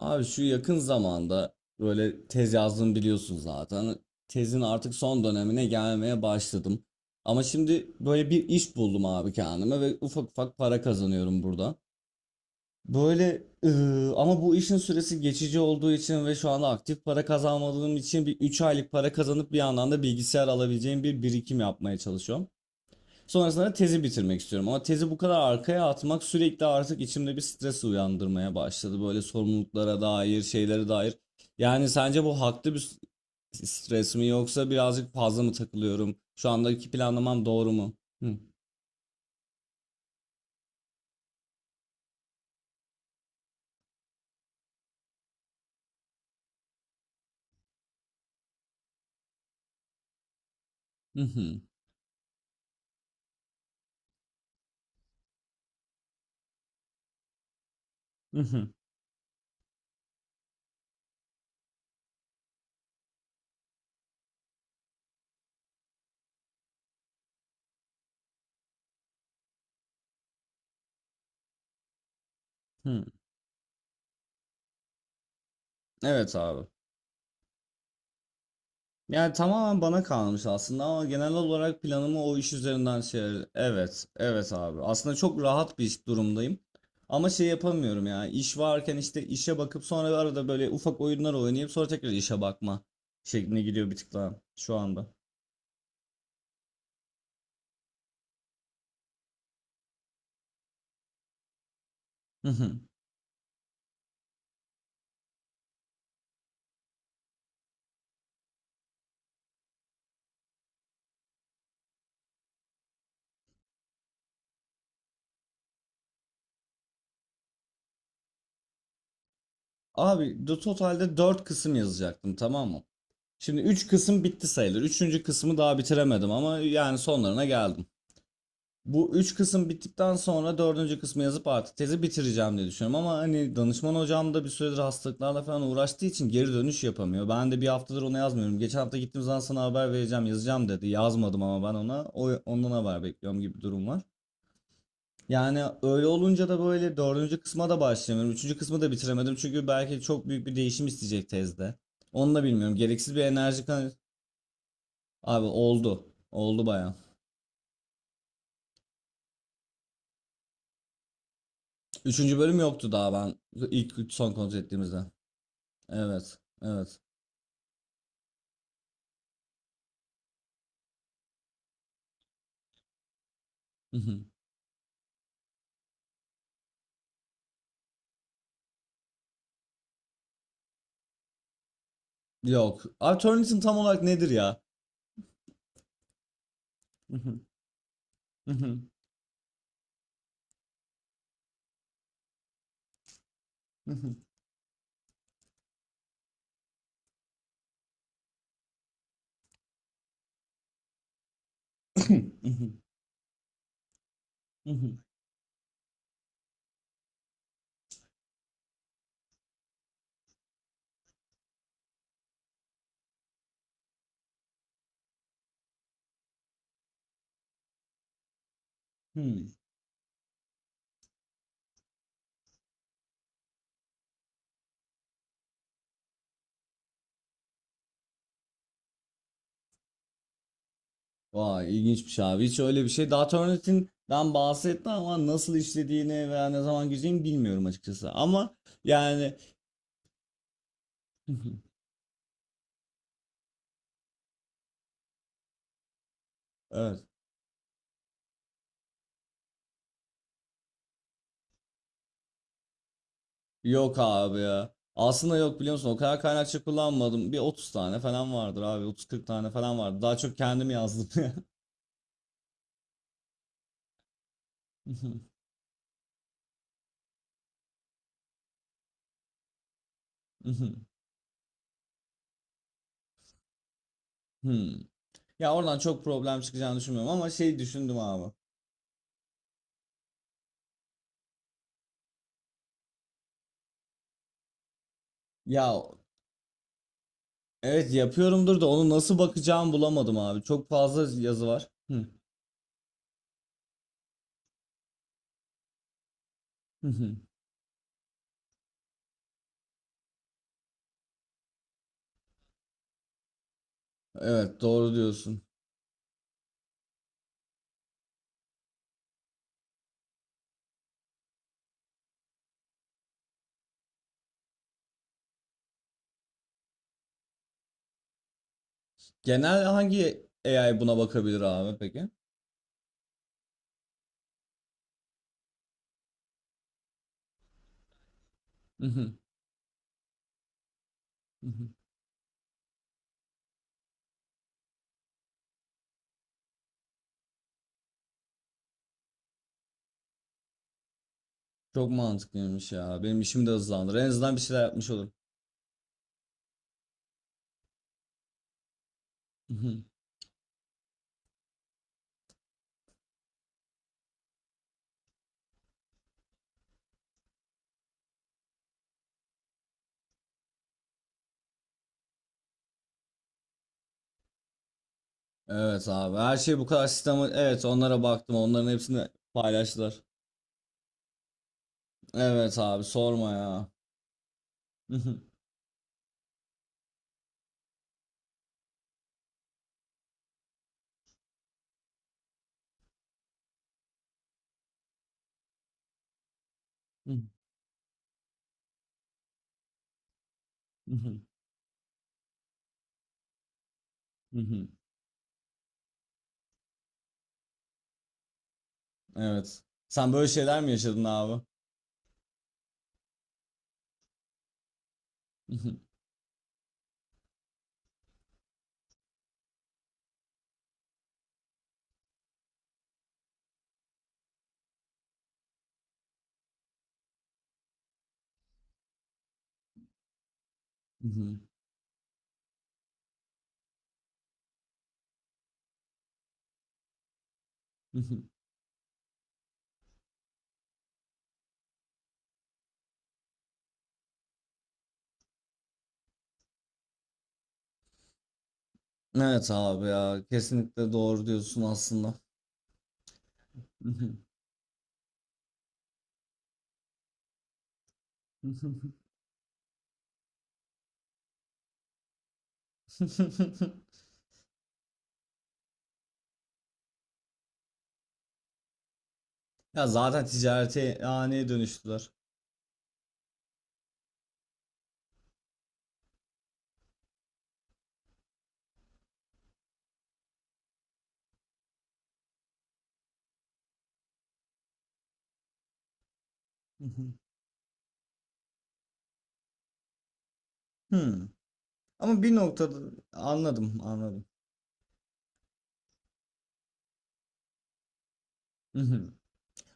Abi şu yakın zamanda böyle tez yazdım biliyorsun zaten. Tezin artık son dönemine gelmeye başladım. Ama şimdi böyle bir iş buldum abi kendime ve ufak ufak para kazanıyorum burada. Böyle ama bu işin süresi geçici olduğu için ve şu anda aktif para kazanmadığım için bir 3 aylık para kazanıp bir yandan da bilgisayar alabileceğim bir birikim yapmaya çalışıyorum. Sonrasında tezi bitirmek istiyorum. Ama tezi bu kadar arkaya atmak sürekli artık içimde bir stres uyandırmaya başladı. Böyle sorumluluklara dair, şeylere dair. Yani sence bu haklı bir stres mi yoksa birazcık fazla mı takılıyorum? Şu andaki planlamam doğru mu? Hı. Hı hı. Hı hı. Hı. Evet abi. Yani tamamen bana kalmış aslında ama genel olarak planımı o iş üzerinden şey... Evet, evet abi. Aslında çok rahat bir iş durumdayım. Ama şey yapamıyorum ya. İş varken işte işe bakıp sonra arada böyle ufak oyunlar oynayıp sonra tekrar işe bakma şekline gidiyor bir tık daha şu anda. Hı hı. Abi de totalde 4 kısım yazacaktım, tamam mı? Şimdi 3 kısım bitti sayılır. Üçüncü kısmı daha bitiremedim ama yani sonlarına geldim. Bu üç kısım bittikten sonra dördüncü kısmı yazıp artık tezi bitireceğim diye düşünüyorum. Ama hani danışman hocam da bir süredir hastalıklarla falan uğraştığı için geri dönüş yapamıyor. Ben de bir haftadır ona yazmıyorum. Geçen hafta gittiğim zaman sana haber vereceğim, yazacağım dedi. Yazmadım ama ben ona. Ondan haber bekliyorum gibi bir durum var. Yani öyle olunca da böyle dördüncü kısma da başlayamıyorum. Üçüncü kısmı da bitiremedim. Çünkü belki çok büyük bir değişim isteyecek tezde. Onu da bilmiyorum. Gereksiz bir enerji kan... Abi oldu. Oldu bayağı. Üçüncü bölüm yoktu daha ben ilk son kontrol ettiğimizde. Evet. Evet. Hı hı. Yok. Abi Turnitin tam olarak nedir ya? Hı hı, hı hı, hı hı, hı hı, hı hı, hı. Vay ilginçmiş abi. Hiç öyle bir şey. Daha Turnitin'den bahsetme ama nasıl işlediğini veya ne zaman gireceğini bilmiyorum açıkçası. Ama yani. Hı hı. Evet. Yok abi ya. Aslında yok biliyor musun? O kadar kaynakça kullanmadım. Bir 30 tane falan vardır abi. 30-40 tane falan vardı. Daha çok kendim yazdım ya. Hmm. Ya oradan çok problem çıkacağını düşünmüyorum ama şey düşündüm abi. Ya evet yapıyorumdur da onu nasıl bakacağımı bulamadım abi. Çok fazla yazı var. Hı. Hı hı. Evet doğru diyorsun. Genel hangi AI buna bakabilir abi peki? Hı hı. Hı hı. Çok mantıklıymış ya. Benim işimi de hızlandırır. En azından bir şeyler yapmış olurum. Hı hı. Evet abi. Her şey bu kadar sistem. Evet onlara baktım. Onların hepsini paylaştılar. Evet abi sorma ya. Hı hı. Hı hı. Hı hı. Hı hı. Evet. Sen böyle şeyler mi yaşadın abi? Evet abi ya kesinlikle doğru diyorsun aslında. Ya zaten ticarete haneye dönüştüler. Hmm. Ama bir noktada anladım, anladım. Mhm.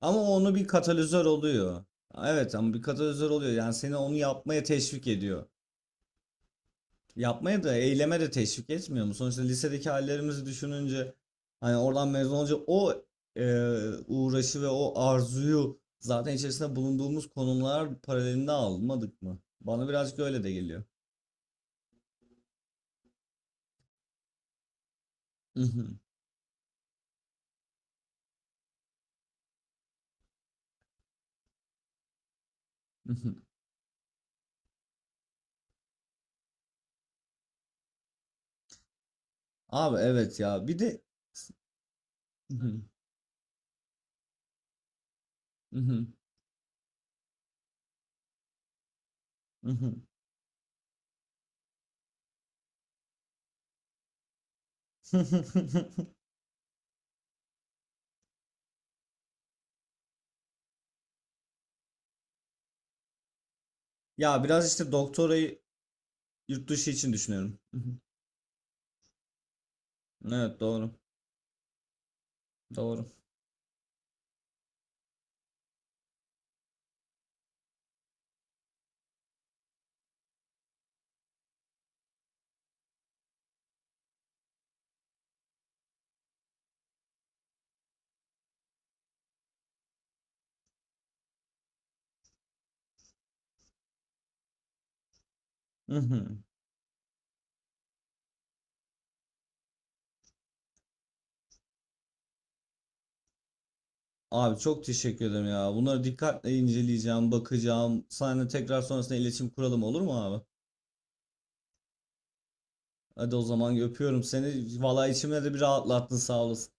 Ama onu bir katalizör oluyor. Evet ama bir katalizör oluyor, yani seni onu yapmaya teşvik ediyor. Yapmaya da eyleme de teşvik etmiyor mu? Sonuçta lisedeki hallerimizi düşününce hani oradan mezun olunca o e, uğraşı ve o arzuyu zaten içerisinde bulunduğumuz konumlar paralelinde almadık mı? Bana birazcık öyle de geliyor. Abi evet ya, bir de ya biraz işte doktorayı yurt dışı için düşünüyorum. Evet, doğru doğru. Abi çok teşekkür ederim ya. Bunları dikkatle inceleyeceğim, bakacağım. Seninle tekrar sonrasında iletişim kuralım, olur mu abi? Hadi o zaman öpüyorum seni. Vallahi içimde de bir rahatlattın, sağ olasın.